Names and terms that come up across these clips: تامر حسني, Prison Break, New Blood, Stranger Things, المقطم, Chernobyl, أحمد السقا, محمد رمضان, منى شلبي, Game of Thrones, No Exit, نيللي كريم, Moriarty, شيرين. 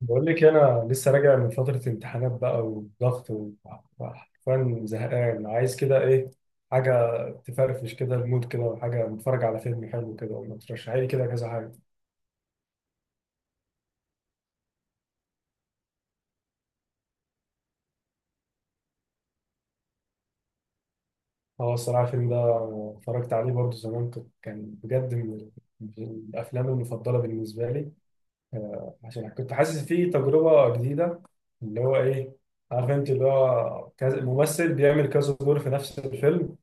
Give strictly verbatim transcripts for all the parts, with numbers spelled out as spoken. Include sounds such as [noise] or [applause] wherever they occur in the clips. بقول لك انا لسه راجع من فتره امتحانات بقى وضغط و- وحرفيا زهقان، عايز كده ايه حاجه تفرفش كده المود كده، وحاجه نتفرج على فيلم حلو كده، ولا ترشحي لي كده كذا حاجه. هو الصراحه الفيلم ده اتفرجت عليه برضه زمان، كنت كان بجد من ال- من الافلام المفضله بالنسبه لي، آه، عشان كنت حاسس فيه تجربه جديده، اللي هو ايه، عارف انت، اللي هو كذا ممثل بيعمل كذا دور في نفس الفيلم.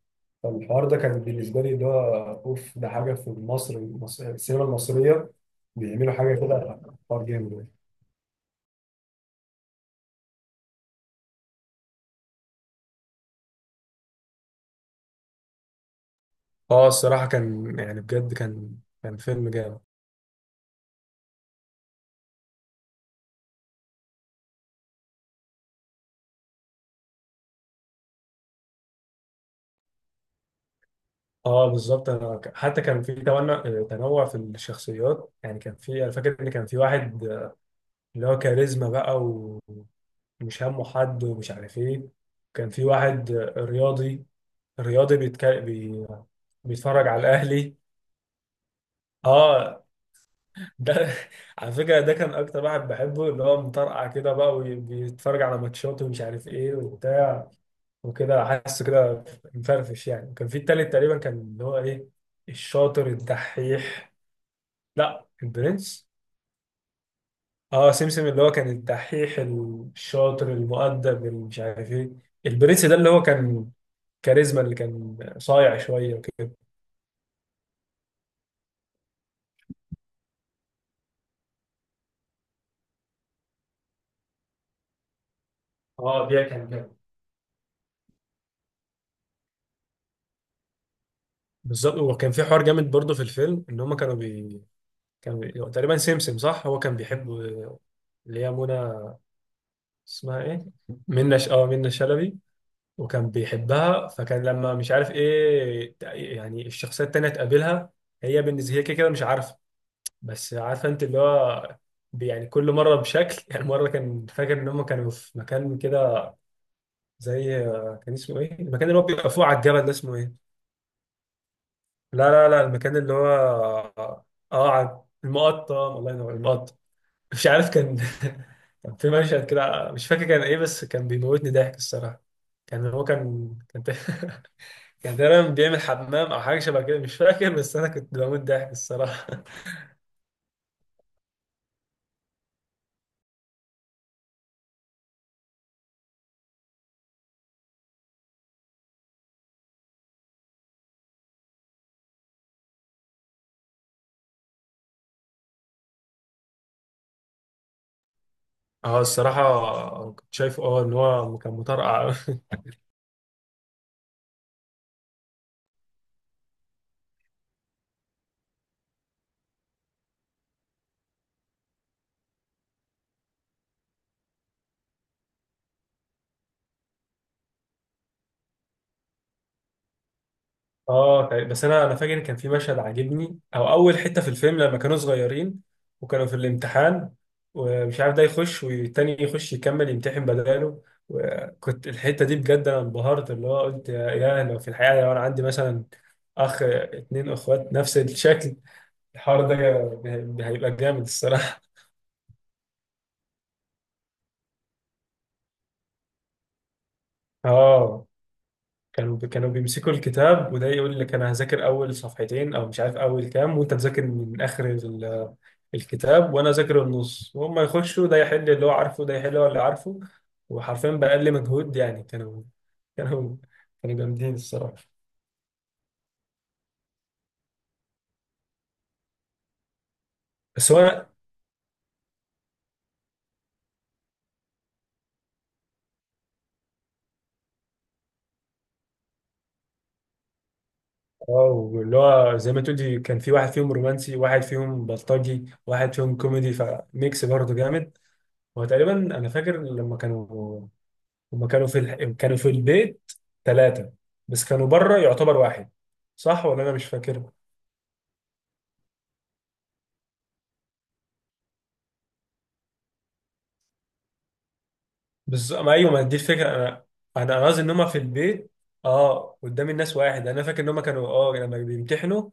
فالحوار ده كان بالنسبة لي اللي هو أوف، ده حاجة في مصر المص- السينما المصرية بيعملوا حاجة كده، حوار جامد يعني. اه، الصراحة كان يعني بجد كان كان فيلم جامد. اه بالظبط، انا ك- حتى كان في تنوع تنوع في الشخصيات، يعني كان في، انا فاكر ان كان في واحد آه، اللي هو كاريزما بقى و- ومش همه حد، ومش عارف ايه. كان في واحد آه، رياضي، رياضي بيتك... بي... بيتفرج على الاهلي. اه، ده [laughs] على فكرة ده كان أكتر واحد بحبه، اللي هو مطرقع كده بقى، وبيتفرج على ماتشات، ومش عارف إيه وبتاع، وكده حاسه كده مفرفش يعني. كان في التالت تقريبا، كان اللي هو إيه، الشاطر الدحيح. لا، البرنس. اه، سمسم اللي هو كان الدحيح الشاطر المؤدب اللي مش عارف إيه. البرنس ده اللي هو كان كاريزما، اللي كان صايع شوية وكده. اه، ده كان جامد. بالظبط. وكان في حوار جامد برضه في الفيلم، ان هم كانوا بي... كان بي- هو تقريبا سمسم، صح؟ هو كان بيحب اللي هي منى. اسمها ايه، منى ش... اه، منى شلبي. وكان بيحبها، فكان لما مش عارف ايه ت- يعني الشخصيه التانيه تقابلها، هي بالنسبه هي كده كده مش عارفه، بس عارفه انت اللي هو بي- يعني كل مره بشكل [laughs] يعني. مره كان فاكر ان هم كانوا في مكان كده زي، كان اسمه ايه المكان اللي هو بيبقى فوق على الجبل ده، اسمه ايه؟ لا لا لا، المكان اللي هو، اه، على المقطم. الله ينور، المقطم. مش عارف كان [laughs] كان في مشهد كده، مش فاكر كان ايه، بس كان بيموتني ضحك الصراحه. كان هو كان كان ت- [laughs] كان تقريبا بيعمل حمام او حاجه شبه كده، مش فاكر، بس انا كنت بموت ضحك الصراحه. [laughs] اه الصراحه كنت شايف اه ان هو كان مطرقع. [laughs] اه تقريبا. بس انا انا فاكر كان في مشهد عاجبني، او اول حته في الفيلم لما كانوا صغيرين، وكانوا في الامتحان، ومش عارف ده يخش والتاني يخش يكمل يمتحن بداله. وكنت الحته دي بجد انا انبهرت، اللي هو قلت يا يا لو في الحقيقه لو انا عندي مثلا اخ، اتنين اخوات نفس الشكل، الحوار ده هيبقى جامد الصراحه. [laughs] اه. كانوا كانوا بيمسكوا الكتاب، وده يقول لك انا هذاكر اول صفحتين، او مش عارف اول كام، وانت تذاكر من اخر ال- الكتاب، وانا اذاكر النص، وهم يخشوا، ده يحل اللي هو عارفه، ده يحل اللي هو اللي عارفه. وحرفيا باقل مجهود يعني. كانوا [laughs] كانوا كانوا جامدين الصراحه. بس هو اه اللي هو زي ما تقولي، كان في واحد فيهم رومانسي، واحد فيهم بلطجي، واحد فيهم كوميدي، فميكس برضه جامد. هو تقريبا انا فاكر لما كانوا، هما كانوا في الح... كانوا في البيت ثلاثة، بس كانوا بره يعتبر واحد، صح ولا أنا مش فاكر؟ بس ما، أيوه، ما دي الفكرة. أنا أنا أنا قصدي إن هما في البيت، أه، قدام الناس واحد. أنا فاكر إن هما كانوا، أه لما بيمتحنوا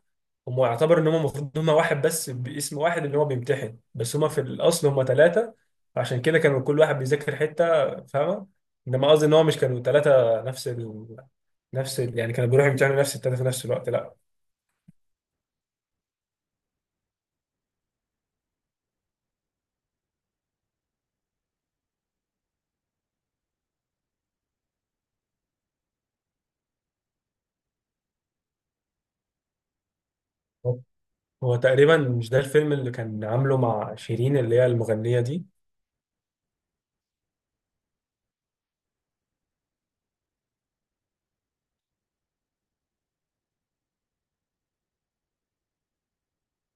هما يعتبر إن هما المفروض هما واحد، بس باسم واحد اللي هو بيمتحن، بس هما في الأصل هما ثلاثة، عشان كده كانوا كل واحد بيذاكر حتة، فاهمة؟ إنما قصدي إن هو مش كانوا ثلاثة نفس ال... نفس ال... يعني كانوا بيروحوا يمتحنوا نفس الثلاثة في نفس الوقت، لا. هو تقريبا مش ده الفيلم اللي كان عامله مع شيرين، اللي هي المغنية دي؟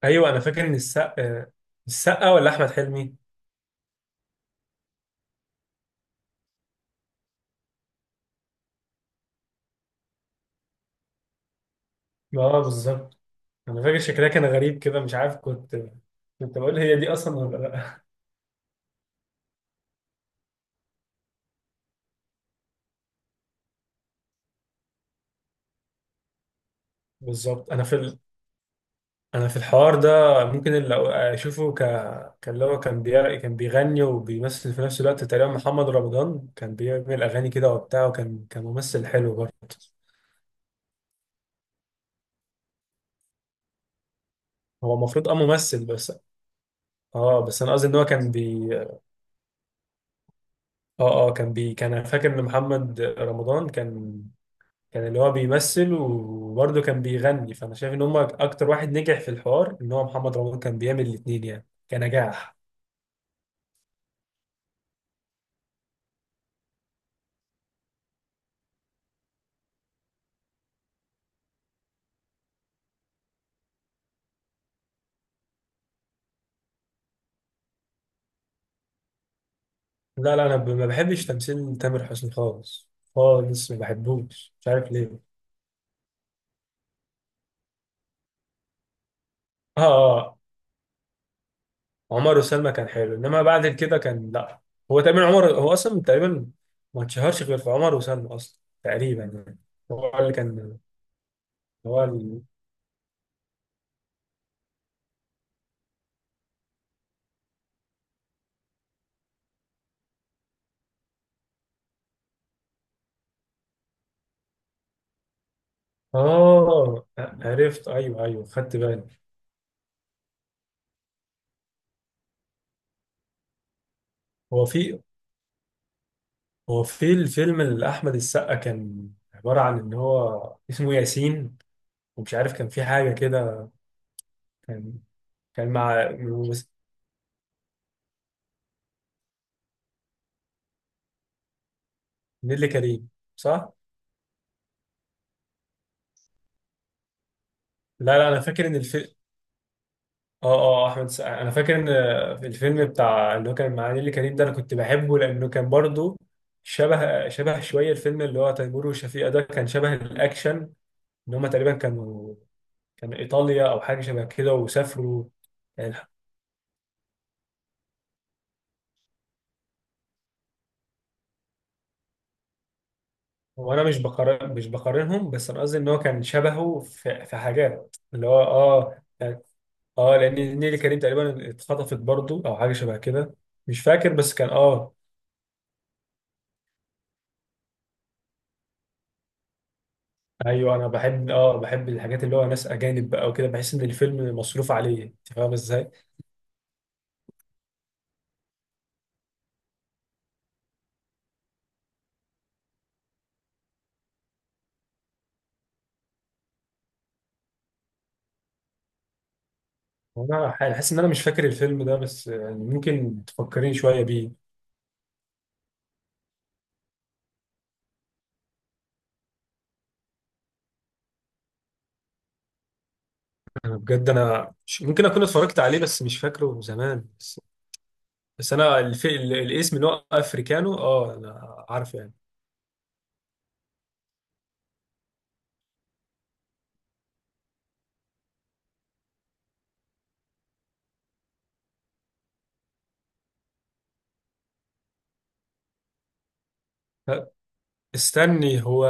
ايوه، انا فاكر ان السقا، السقا ولا احمد حلمي؟ اه بالظبط. انا فاكر شكلها كان غريب كده، مش عارف، كنت كنت بقول هي دي اصلا ولا لا. بالظبط. انا في ال... انا في الحوار ده، ممكن اللي أو- اشوفه ك، كان اللي هو كان بي... كان بيغني وبيمثل في نفس الوقت تقريبا. محمد رمضان كان بيعمل اغاني كده وبتاع، وكان كان ممثل حلو برضه. هو المفروض اه ممثل بس. اه بس انا قصدي ان هو كان بي، اه، اه، كان بي كان، أنا فاكر ان محمد رمضان كان كان اللي هو بيمثل، وبرضه كان بيغني. فانا شايف ان هم اكتر واحد نجح في الحوار، ان هو محمد رمضان كان بيعمل الاثنين يعني كنجاح. لا لا، انا ب- ما بحبش تمثيل تامر حسني خالص، خالص، ما بحبوش مش عارف ليه. اه اه، آه، عمر وسلمى كان حلو، انما بعد كده كان لا. هو تقريبا عمر هو اصلا تقريبا ما اتشهرش غير في عمر وسلمى اصلا تقريبا يعني، هو اللي كان. هو آه، عرفت، أيوه أيوه، خدت بالي. هو في هو في الفيلم اللي أحمد السقا كان عبارة عن إن هو اسمه ياسين، ومش عارف كان في حاجة كده، كان كان مع بس- نيللي كريم، صح؟ لا لا، أنا فاكر إن الفيلم، آه آه أحمد السقا، أنا فاكر إن في الفيلم بتاع اللي هو كان مع نيللي كريم ده، أنا كنت بحبه لأنه كان برضه شبه، شبه شوية الفيلم اللي هو تيمور وشفيقة ده، كان شبه الأكشن، إن هما تقريبا كانوا، كان ايطاليا او حاجه شبه كده، وسافروا يعني. هو انا مش بقارن، مش بقارنهم، بس انا قصدي ان هو كان شبهه في, في حاجات، اللي هو اه يعني اه لان نيلي كريم تقريبا اتخطفت برضو او حاجه شبه كده، مش فاكر، بس كان اه. ايوه، انا بحب اه بحب الحاجات اللي هو ناس اجانب بقى وكده، بحس ان الفيلم مصروف عليه، انت فاهم ازاي؟ وانا حاسس ان انا مش فاكر الفيلم ده، بس يعني ممكن تفكريني شويه بيه. انا بجد انا مش- ممكن اكون اتفرجت عليه، بس مش فاكره زمان، بس انا الف... ال- الاسم اللي هو افريكانو، اه، انا عارف يعني. ه- استني، هو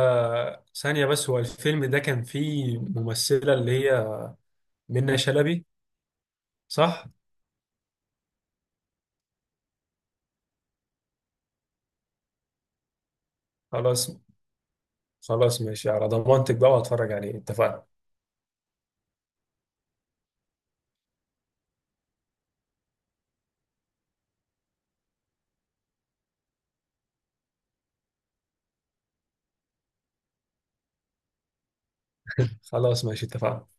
ثانية بس، هو الفيلم ده كان فيه ممثلة اللي هي منة شلبي، صح؟ خلاص، خلاص ماشي على ضمانتك بقى واتفرج عليه، اتفقنا. خلاص، ماشي، اتفقنا.